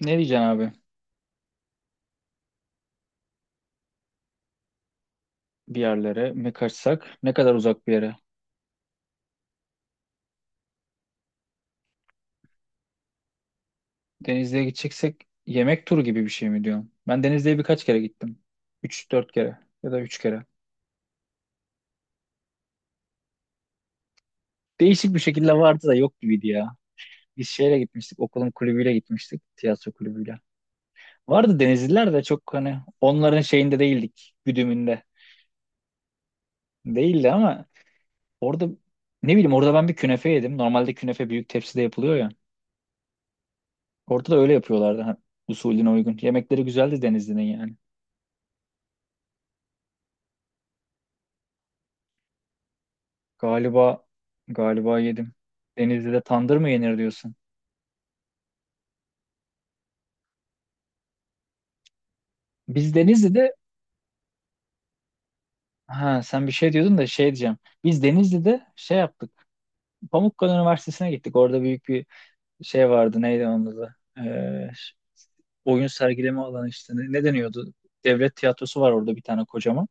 Ne diyeceksin abi? Bir yerlere mi kaçsak? Ne kadar uzak bir yere? Denizli'ye gideceksek yemek turu gibi bir şey mi diyorsun? Ben Denizli'ye birkaç kere gittim. Üç dört kere ya da 3 kere. Değişik bir şekilde vardı da yok gibiydi ya. Biz şeyle gitmiştik, okulun kulübüyle gitmiştik, tiyatro kulübüyle. Vardı Denizliler de çok hani onların şeyinde değildik, güdümünde. Değildi ama orada ne bileyim orada ben bir künefe yedim. Normalde künefe büyük tepside yapılıyor ya. Orada da öyle yapıyorlardı ha, usulüne uygun. Yemekleri güzeldi Denizli'nin yani. Galiba galiba yedim. Denizli'de tandır mı yenir diyorsun? Biz Denizli'de ha sen bir şey diyordun da şey diyeceğim. Biz Denizli'de şey yaptık. Pamukkale Üniversitesi'ne gittik. Orada büyük bir şey vardı. Neydi onun adı? Oyun sergileme alanı işte. Ne deniyordu? Devlet tiyatrosu var orada bir tane kocaman.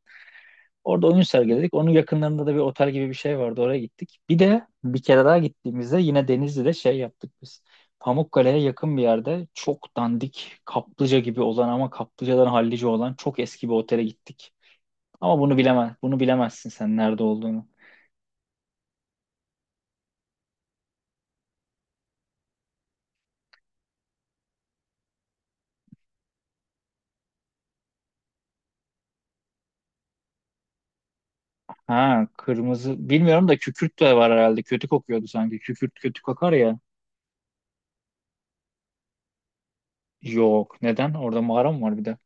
Orada oyun sergiledik. Onun yakınlarında da bir otel gibi bir şey vardı. Oraya gittik. Bir de bir kere daha gittiğimizde yine Denizli'de şey yaptık biz. Pamukkale'ye yakın bir yerde çok dandik kaplıca gibi olan ama kaplıcadan hallice olan çok eski bir otele gittik. Ama bunu bilemezsin sen nerede olduğunu. Ha kırmızı bilmiyorum da kükürt de var herhalde. Kötü kokuyordu sanki. Kükürt kötü kokar ya. Yok. Neden? Orada mağara mı var bir de?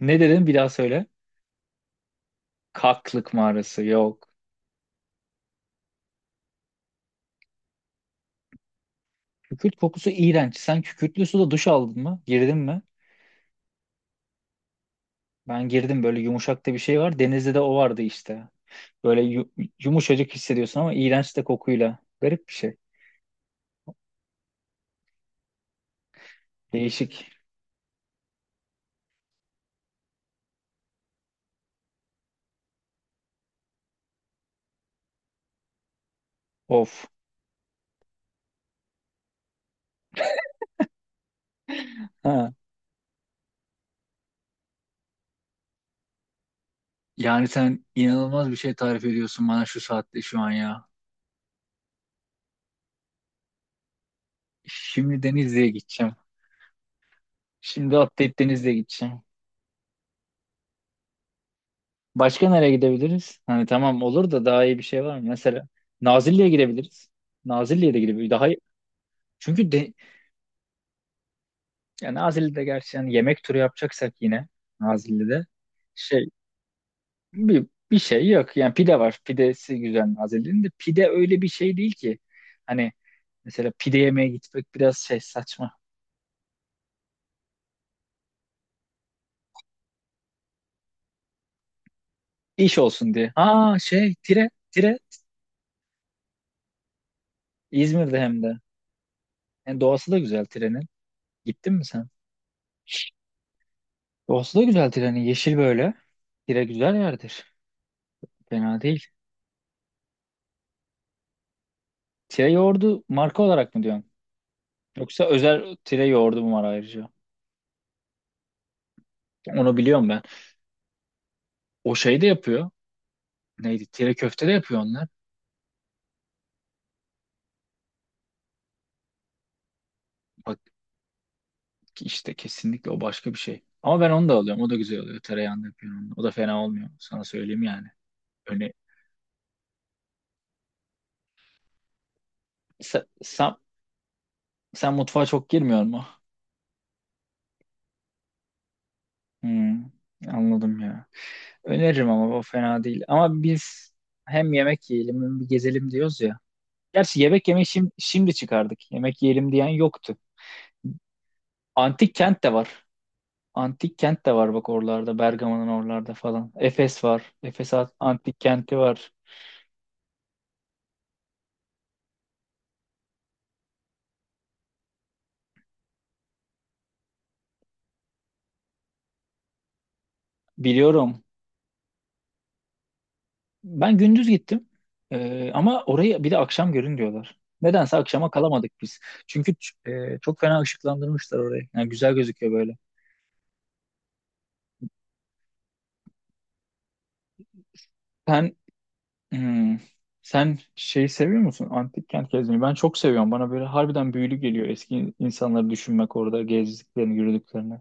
Ne dedin? Bir daha söyle. Kaklık mağarası. Yok. Kükürt kokusu iğrenç. Sen kükürtlü suda duş aldın mı? Girdin mi? Ben girdim böyle yumuşak da bir şey var. Denizde de o vardı işte. Böyle yumuşacık hissediyorsun ama iğrenç de kokuyla. Garip bir şey. Değişik. Of. Ha. Yani sen inanılmaz bir şey tarif ediyorsun bana şu saatte şu an ya. Şimdi Denizli'ye gideceğim. Şimdi atlayıp Denizli'ye gideceğim. Başka nereye gidebiliriz? Hani tamam olur da daha iyi bir şey var mı? Mesela Nazilli'ye gidebiliriz. Nazilli'ye de gidebiliriz. Daha iyi. Çünkü de, Yani Nazilli'de gerçi yani yemek turu yapacaksak yine Nazilli'de şey bir, bir şey yok. Yani pide var. Pidesi güzel Nazilli'nin de pide öyle bir şey değil ki. Hani mesela pide yemeye gitmek biraz şey saçma. İş olsun diye. Ha şey Tire İzmir'de hem de. Yani doğası da güzel Tire'nin. Gittin mi sen? Doğası da güzel Tire'nin. Yeşil böyle. Tire güzel yerdir. Fena değil. Tire yoğurdu marka olarak mı diyorsun? Yoksa özel Tire yoğurdu mu var ayrıca? Onu biliyorum ben. O şey de yapıyor. Neydi? Tire köfte de yapıyor onlar. Bak işte kesinlikle o başka bir şey. Ama ben onu da alıyorum. O da güzel oluyor. Tereyağında yapıyorum onu. O da fena olmuyor. Sana söyleyeyim yani. Öne sen, sen, sen mutfağa çok girmiyor mu? Hmm, anladım ya. Öneririm ama o fena değil. Ama biz hem yemek yiyelim hem bir gezelim diyoruz ya. Gerçi yemek yemeyi şimdi çıkardık. Yemek yiyelim diyen yoktu. Antik kent de var. Antik kent de var bak oralarda. Bergama'nın oralarda falan. Efes var. Efes antik kenti var. Biliyorum. Ben gündüz gittim. Ama orayı bir de akşam görün diyorlar. Nedense akşama kalamadık biz. Çünkü çok fena ışıklandırmışlar orayı. Yani güzel gözüküyor böyle. Sen hmm, sen şeyi seviyor musun? Antik kent gezmeyi. Ben çok seviyorum. Bana böyle harbiden büyülü geliyor eski insanları düşünmek orada gezdiklerini, yürüdüklerini.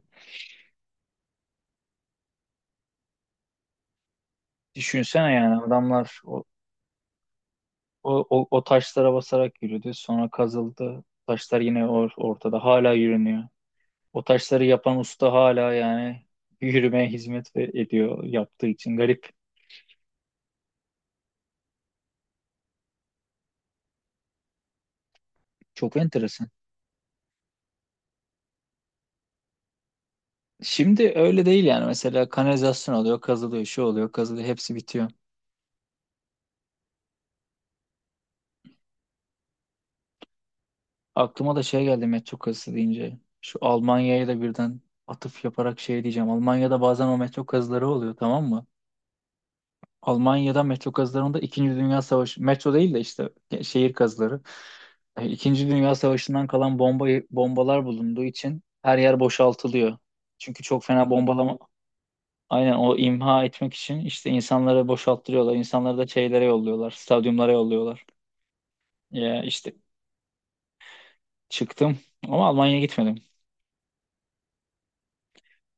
Düşünsene yani adamlar o taşlara basarak yürüdü. Sonra kazıldı. Taşlar yine ortada. Hala yürünüyor. O taşları yapan usta hala yani yürümeye hizmet ediyor yaptığı için garip. Çok enteresan. Şimdi öyle değil yani mesela kanalizasyon oluyor, kazılıyor, şu oluyor, kazılıyor, hepsi bitiyor. Aklıma da şey geldi metro kazısı deyince. Şu Almanya'ya da birden atıf yaparak şey diyeceğim. Almanya'da bazen o metro kazıları oluyor tamam mı? Almanya'da metro kazılarında İkinci Dünya Savaşı, metro değil de işte şehir kazıları. İkinci Dünya Savaşı'ndan kalan bombalar bulunduğu için her yer boşaltılıyor. Çünkü çok fena bombalama aynen o imha etmek için işte insanları boşalttırıyorlar. İnsanları da şeylere yolluyorlar, stadyumlara yolluyorlar. Ya işte çıktım ama Almanya'ya gitmedim.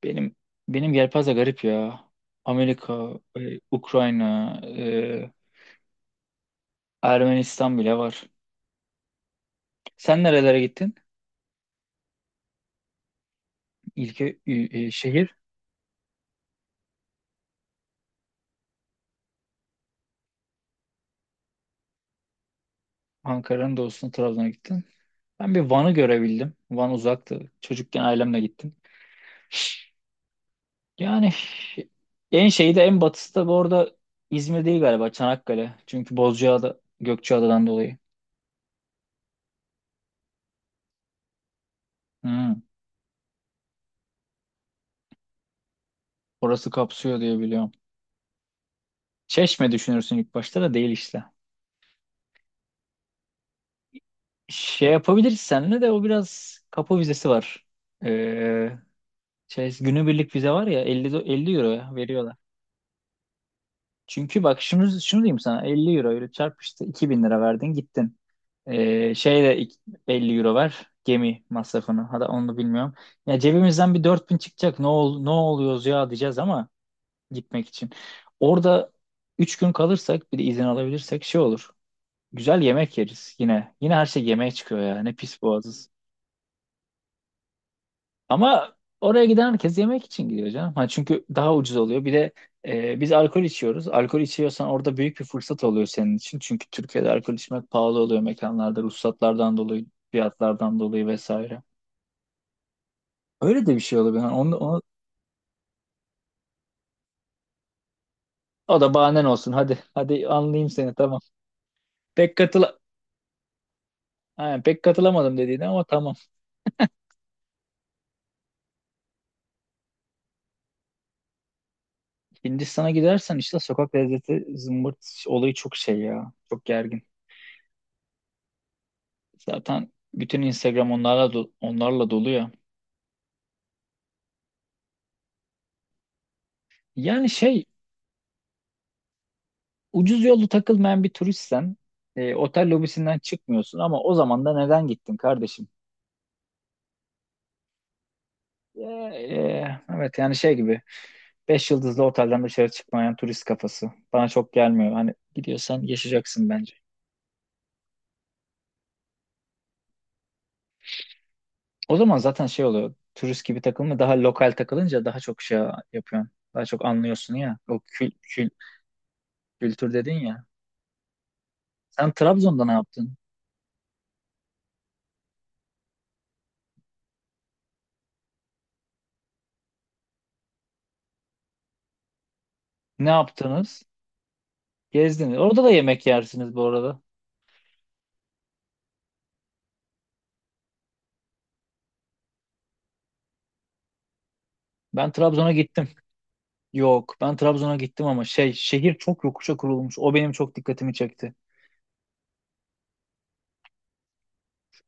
Benim benim yelpaze garip ya. Amerika, Ukrayna, Ermenistan bile var. Sen nerelere gittin? İlke şehir. Ankara'nın doğusuna Trabzon'a gittim. Ben bir Van'ı görebildim. Van uzaktı. Çocukken ailemle gittim. Yani en şeyi de en batısı da bu arada İzmir değil galiba Çanakkale. Çünkü Bozcaada, Gökçeada'dan dolayı. Hmm, orası kapsıyor diye biliyorum. Çeşme düşünürsün ilk başta da değil işte. Şey yapabiliriz seninle de o biraz kapı vizesi var. Ee, Günübirlik vize var ya 50 euro veriyorlar. Çünkü bak şunu diyeyim sana 50 euro ile çarp işte 2.000 lira verdin gittin. Ee, şeyde ik- 50 euro ver gemi masrafını. Hadi onu bilmiyorum. Ya cebimizden bir 4.000 çıkacak. Ne oluyoruz ya diyeceğiz ama gitmek için. Orada 3 gün kalırsak bir de izin alabilirsek şey olur. Güzel yemek yeriz yine. Yine her şey yemeğe çıkıyor ya. Ne pis boğazız. Ama oraya giden herkes yemek için gidiyor canım. Ha, çünkü daha ucuz oluyor. Bir de biz alkol içiyoruz. Alkol içiyorsan orada büyük bir fırsat oluyor senin için. Çünkü Türkiye'de alkol içmek pahalı oluyor mekanlarda. Ruhsatlardan dolayı, fiyatlardan dolayı vesaire. Öyle de bir şey oluyor. Yani o da bahanen olsun. Hadi hadi anlayayım seni tamam. Pek katıl Aynen, pek katılamadım dediğine ama tamam. Hindistan'a gidersen işte sokak lezzeti zımbırt olayı çok şey ya. Çok gergin. Zaten bütün Instagram onlarla dolu ya. Yani şey ucuz yollu takılmayan bir turistsen otel lobisinden çıkmıyorsun ama o zaman da neden gittin kardeşim? Evet yani şey gibi 5 yıldızlı otelden dışarı çıkmayan turist kafası. Bana çok gelmiyor. Hani gidiyorsan yaşayacaksın bence. O zaman zaten şey oluyor. Turist gibi takılma daha lokal takılınca daha çok şey yapıyorsun. Daha çok anlıyorsun ya. O kültür dedin ya. Sen Trabzon'da ne yaptın? Ne yaptınız? Gezdiniz. Orada da yemek yersiniz bu arada. Ben Trabzon'a gittim. Yok. Ben Trabzon'a gittim ama şey şehir çok yokuşa kurulmuş. O benim çok dikkatimi çekti.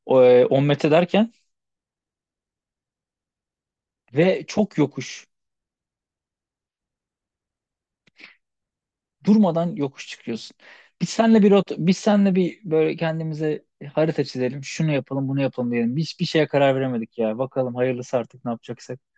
O, 10 metre derken ve çok yokuş. Durmadan yokuş çıkıyorsun. Biz senle bir böyle kendimize harita çizelim. Şunu yapalım, bunu yapalım diyelim. Hiçbir şeye karar veremedik ya. Bakalım hayırlısı artık ne yapacaksak.